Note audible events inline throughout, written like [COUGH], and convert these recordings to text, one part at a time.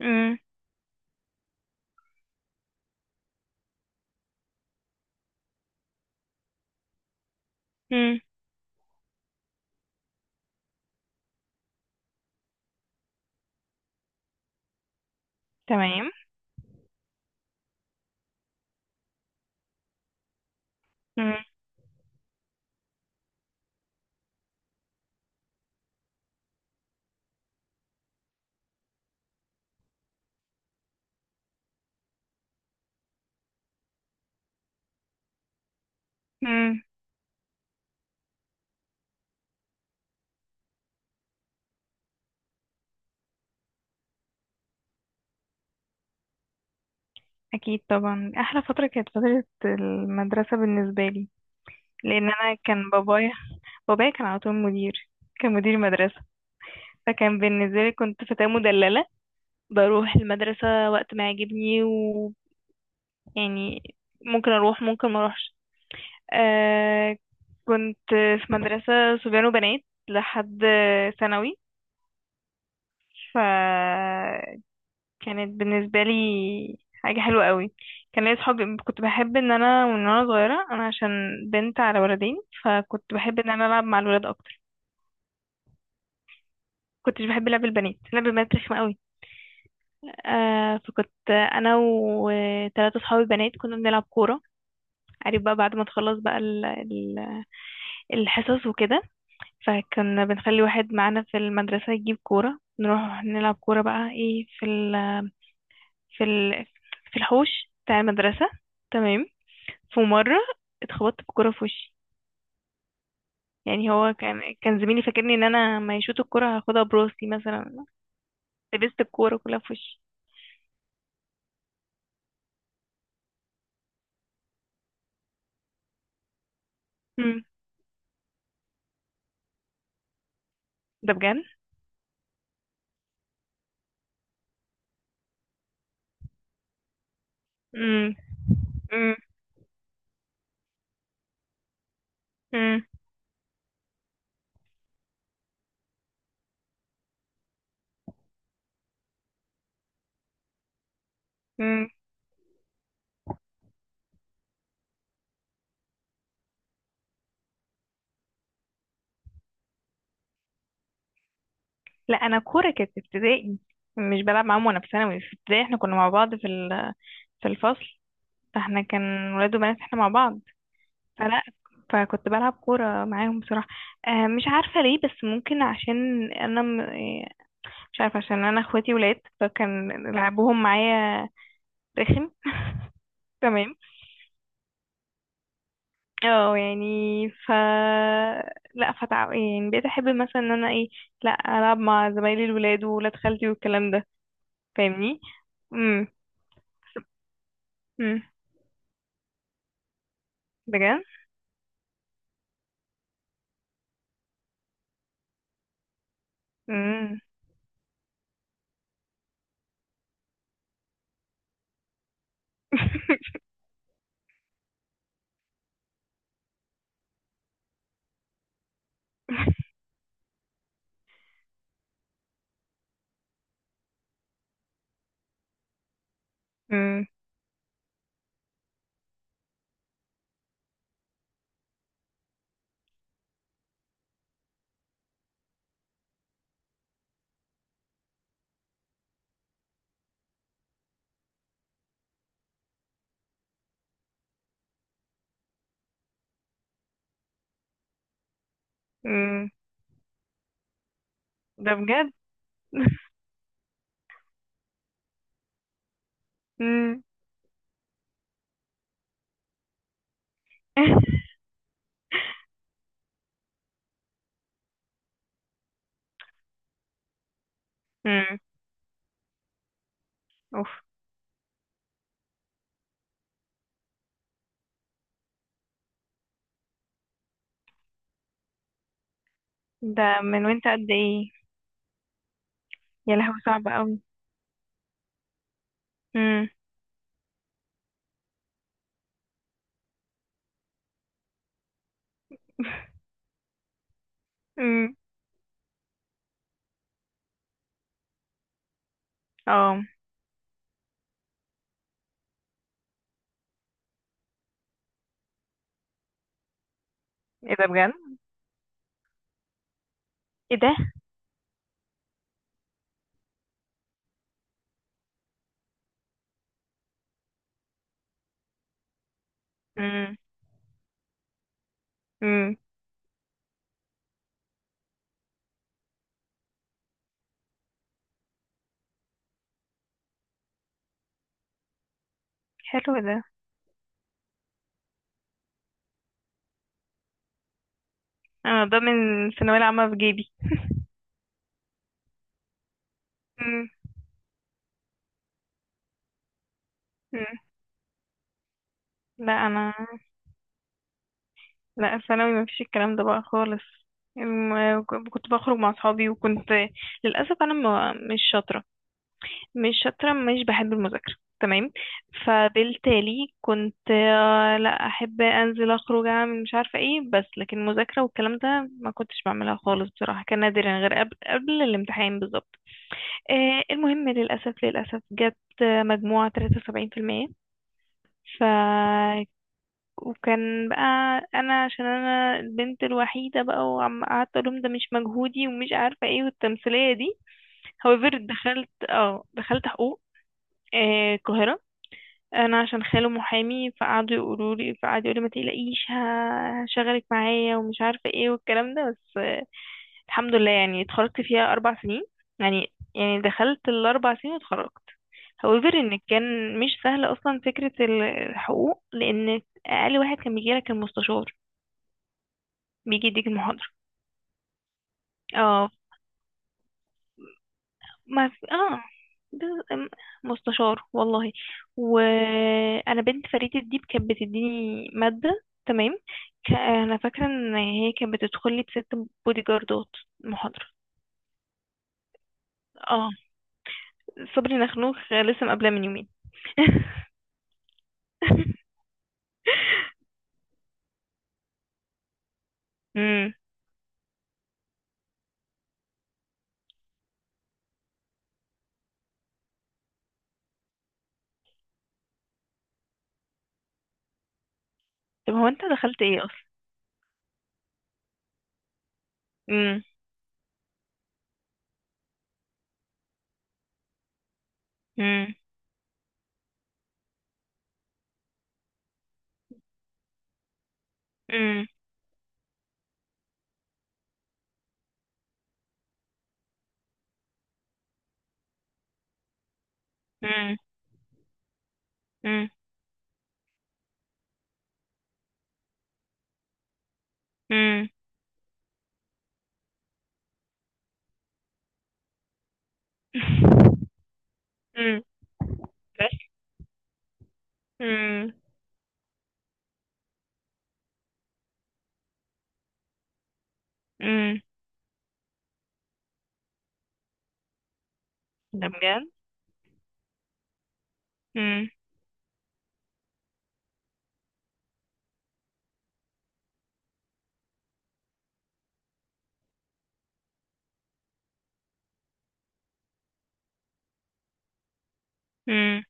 امم، امم. تمام. امم، امم. اكيد طبعا، احلى فتره كانت فتره المدرسه بالنسبه لي، لان انا كان بابايا، كان على طول مدير، كان مدير مدرسه. فكان بالنسبه لي كنت فتاه مدلله، بروح المدرسه وقت ما يعجبني، ويعني ممكن اروح ممكن ما اروحش. آه كنت في مدرسه صبيان وبنات لحد ثانوي. ف كانت بالنسبة لي حاجة حلوة قوي. كان ليا صحابي، كنت بحب ان انا من وانا صغيرة، انا عشان بنت على ولدين فكنت بحب ان انا العب مع الولاد اكتر. كنتش بحب لعب البنات، لعب البنات رخمة قوي. فكنت انا وثلاثة صحابي بنات كنا بنلعب كورة. عارف بقى، بعد ما تخلص بقى الحصص وكده، فكنا بنخلي واحد معانا في المدرسة يجيب كورة، نروح نلعب كورة بقى ايه في ال في ال في الحوش بتاع المدرسة. تمام. في مرة اتخبطت بكرة في وشي. يعني هو كان زميلي، فاكرني ان انا ما يشوط الكرة هاخدها براسي مثلا. لبست الكورة كلها في وشي. امم. ده بجد. امم، امم، امم، امم. لا، انا الكورة كانت في ابتدائي، مش بلعب معاهم وانا في ثانوي. في ابتدائي احنا كنا مع بعض في ال... في الفصل، فاحنا كان ولاد وبنات احنا مع بعض. فلا، فكنت بلعب كورة معاهم بصراحة. مش عارفة ليه، بس ممكن عشان انا، مش عارفة، عشان انا اخواتي ولاد فكان لعبهم معايا رخم. [LAUGHS] تمام. اه يعني ف لا فتع... يعني بقيت احب مثلا ان انا ايه، لا، العب مع زمايلي الولاد وولاد خالتي والكلام ده. فاهمني؟ امم. امم. بجد. امم. [LAUGHS] امم. امم. ده بجد. [LAUGHS] امم. [LAUGHS] امم. اوف. ده من وانت قد ايه؟ يا لهوي، صعب قوي. امم. امم. [LAUGHS] اه. ايه ده بجد! ايه ده! امم. امم. حلو ده. انا ده من الثانويه العامه في جيبي. امم. امم. لا، انا، لا، ثانوي ما فيش الكلام ده بقى خالص. الم- كنت بخرج مع اصحابي، وكنت للاسف انا ما مش شاطره، مش بحب المذاكره. تمام. فبالتالي كنت، لا احب انزل اخرج اعمل مش عارفه ايه، بس لكن المذاكره والكلام ده ما كنتش بعملها خالص بصراحه، كان نادرا غير قبل الامتحان بالظبط. المهم، للأسف للأسف جبت، مجموعة 73%. ف وكان بقى، أنا عشان أنا البنت الوحيدة بقى، وعم قعدت أقولهم ده مش مجهودي ومش عارفة ايه والتمثيلية دي. However دخلت، حقوق، القاهرة. أنا عشان خاله محامي، فقعدوا يقولوا لي، فقعد يقول لي ما تقلقيش، هشغلك معايا ومش عارفة ايه والكلام ده، بس الحمد لله يعني اتخرجت فيها 4 سنين، يعني، دخلت ال4 سنين واتخرجت. However إن كان مش سهل أصلا فكرة الحقوق، لأن أقل واحد كان بيجيلك المستشار، بيجي يديك المحاضرة. اه. ما في. اه. ب- م- مستشار والله. وأنا بنت فريد الديب كانت بتديني مادة. تمام. أنا فاكرة إن هي كانت بتدخل لي بست بودي جاردات محاضرة. اه. صبري نخنوخ لسه مقابلاه من يومين. [LAUGHS] [LAUGHS] امم. طب هو انت دخلت ايه اصلا؟ امم، امم، امم، امم، امم، امم. [LAUGHS] امم. بس. امم. امم. ده بجد. امم. امم.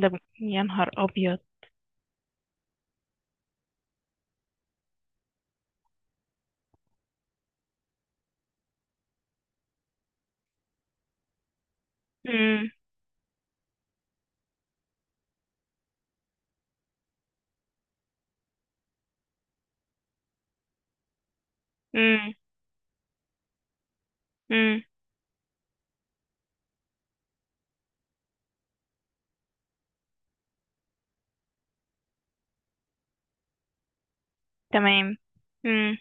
ده ب... يا نهار ابيض! امم. امم. امم. تمام. امم.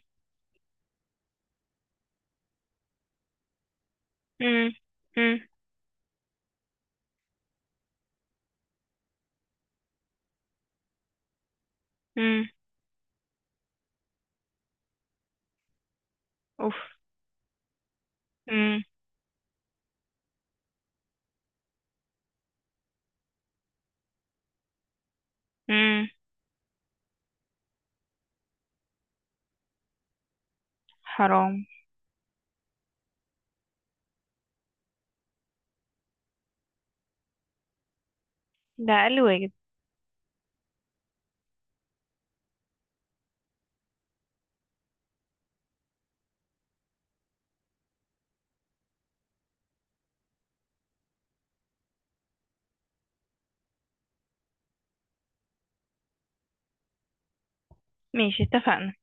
امم. امم. امم. اوف. امم. امم. حرام. ده اقل واجب. ماشي، اتفقنا.